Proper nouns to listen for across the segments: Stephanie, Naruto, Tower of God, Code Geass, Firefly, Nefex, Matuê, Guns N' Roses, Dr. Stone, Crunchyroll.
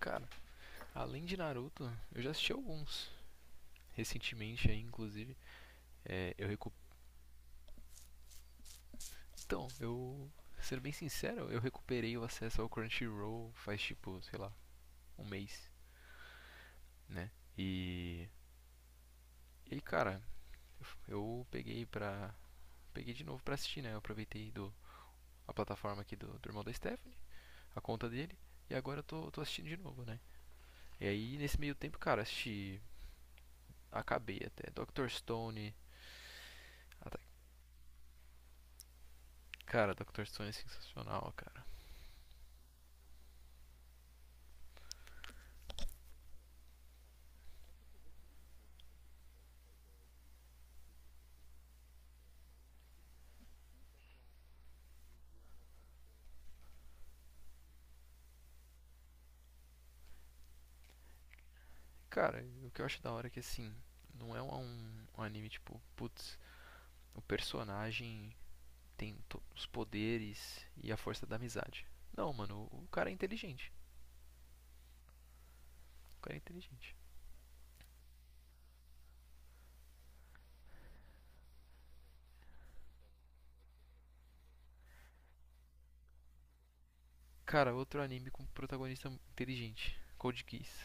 Cara, além de Naruto, eu já assisti alguns. Recentemente aí, inclusive. É, eu recu... Então, eu. Sendo bem sincero, eu recuperei o acesso ao Crunchyroll faz tipo, sei lá, um mês, né? E. E aí, cara, eu peguei pra. Peguei de novo pra assistir, né? Eu aproveitei a plataforma aqui do irmão da Stephanie, a conta dele, e agora eu tô assistindo de novo, né? E aí, nesse meio tempo, cara, assisti. Acabei até Dr. Stone. Cara, Dr. Stone é sensacional, cara. Cara, o que eu acho da hora é que assim, não é um anime tipo, putz, o personagem tem os poderes e a força da amizade. Não, mano, o cara é inteligente. O cara é inteligente. Cara, outro anime com protagonista inteligente, Code Geass.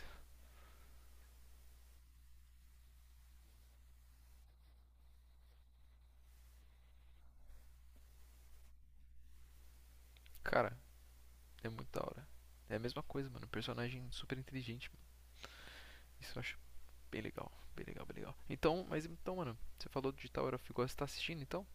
Cara, é muito da hora. É a mesma coisa, mano, um personagem super inteligente. Isso eu acho bem legal, bem legal, bem legal. Então, mas então, mano, você falou de Tower of God, você tá assistindo então?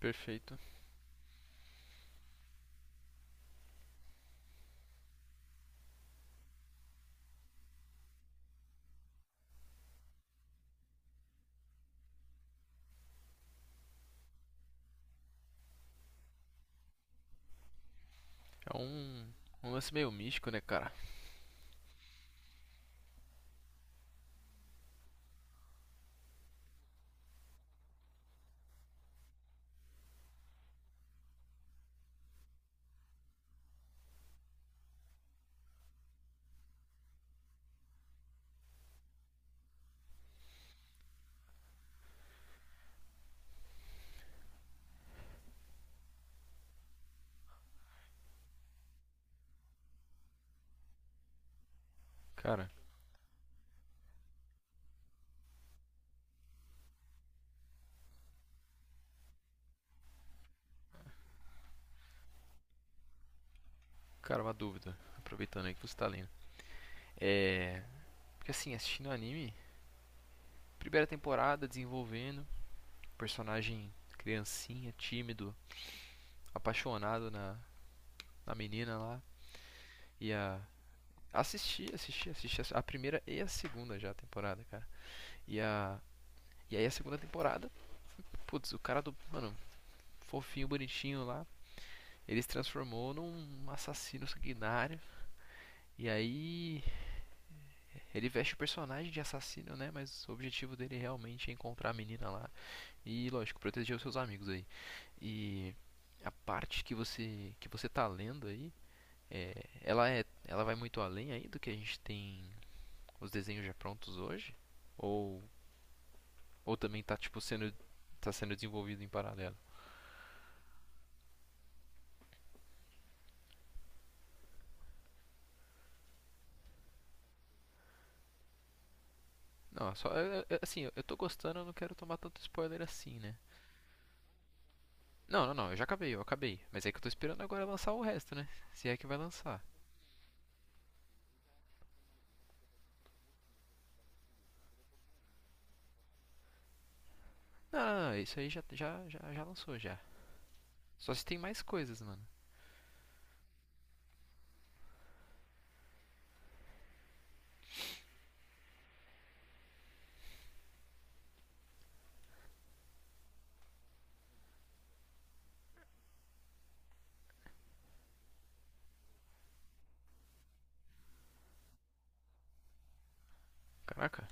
Perfeito. É um lance meio místico, né, cara? Cara, Cara, uma dúvida. Aproveitando aí que você tá lendo. É. Porque assim, assistindo o anime, primeira temporada desenvolvendo, personagem criancinha, tímido, apaixonado na menina lá. E a. Primeira e a segunda já temporada, cara. E a. E aí a segunda temporada, putz, o cara do. Mano, fofinho, bonitinho lá. Ele se transformou num assassino sanguinário. E aí. Ele veste o personagem de assassino, né? Mas o objetivo dele realmente é encontrar a menina lá. E lógico, proteger os seus amigos aí. E a parte que você tá lendo aí, é, ela vai muito além aí do que a gente tem os desenhos já prontos hoje ou ou também tá tipo sendo tá sendo desenvolvido em paralelo. Não, assim, assim, eu tô gostando, eu não quero tomar tanto spoiler assim, né? Não, não, não, eu já acabei, eu acabei. Mas é que eu tô esperando agora lançar o resto, né? Se é que vai lançar. Não, não, não, isso aí já lançou já. Só se tem mais coisas, mano. Caraca.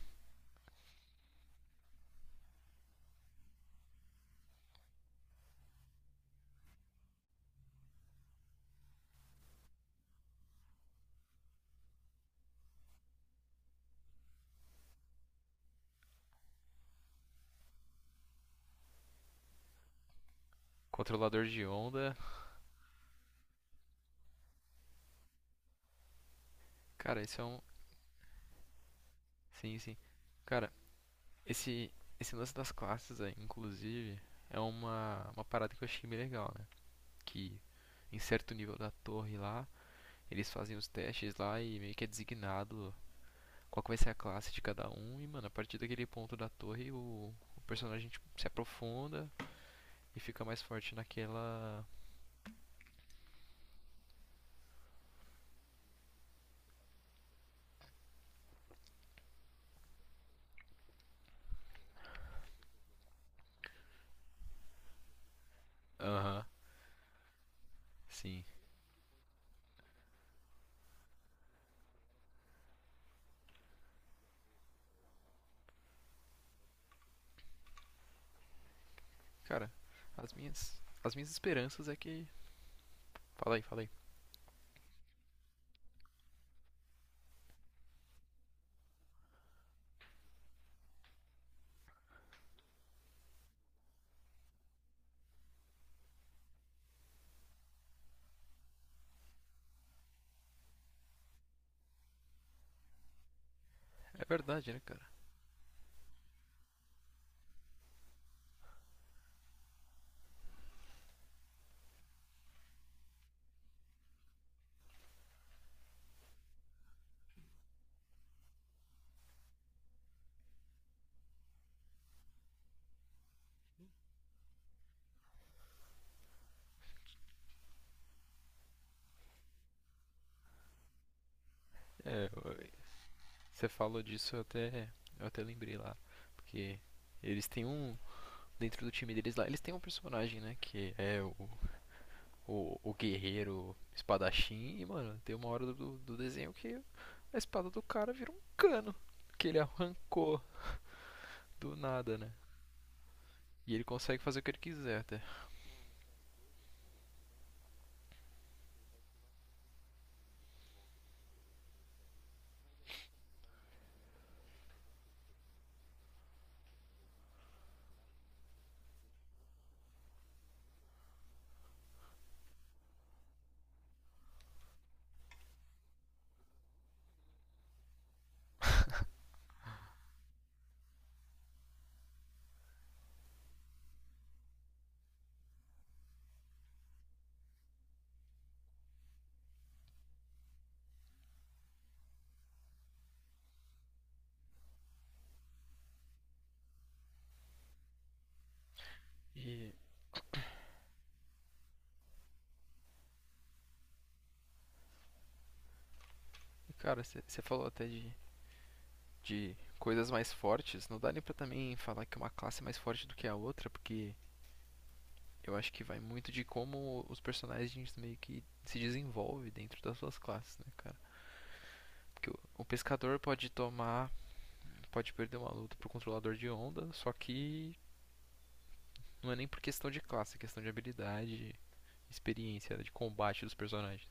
Controlador de onda. Cara, esse é um. Sim, sim. Cara, esse, esse lance das classes, aí, inclusive, é uma parada que eu achei bem legal, né? Que em certo nível da torre lá, eles fazem os testes lá e meio que é designado qual que vai ser a classe de cada um. E, mano, a partir daquele ponto da torre, o personagem tipo, se aprofunda e fica mais forte naquela. Aham, sim. Cara, as minhas esperanças é que. Fala aí, fala aí. É verdade, né, cara? É, você falou disso, eu até lembrei lá. Porque eles têm um. Dentro do time deles lá, eles têm um personagem, né? Que é o guerreiro espadachim. E, mano, tem uma hora do desenho que a espada do cara vira um cano. Que ele arrancou do nada, né? E ele consegue fazer o que ele quiser até. E, cara, você falou até de coisas mais fortes. Não dá nem pra também falar que uma classe é mais forte do que a outra, porque eu acho que vai muito de como os personagens meio que se desenvolvem dentro das suas classes, né, cara? Porque o pescador pode tomar, pode perder uma luta pro controlador de onda, só que não é nem por questão de classe, é questão de habilidade, experiência né, de combate dos personagens.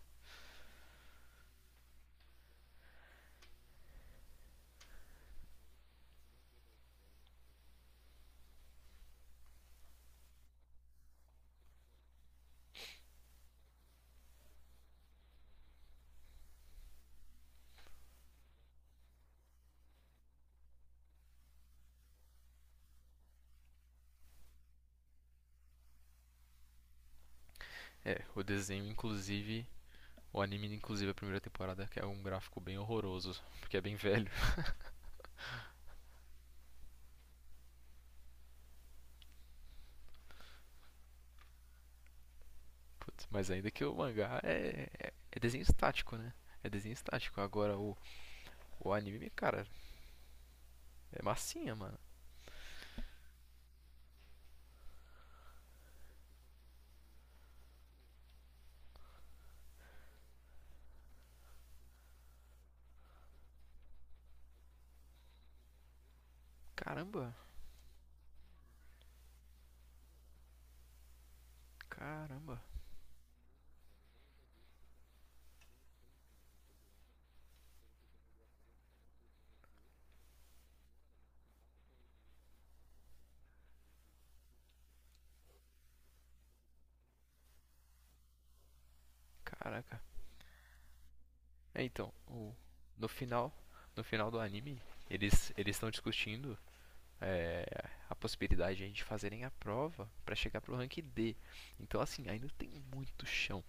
É, o desenho, inclusive, o anime, inclusive, a primeira temporada, que é um gráfico bem horroroso, porque é bem velho. Putz, mas ainda que o mangá é desenho estático, né? É desenho estático. Agora o anime, cara, é massinha, mano. Caramba, caramba, caraca. É, então, no final, no final do anime, eles estão discutindo é, a possibilidade de a gente fazerem a prova pra chegar pro rank D. Então, assim, ainda tem muito chão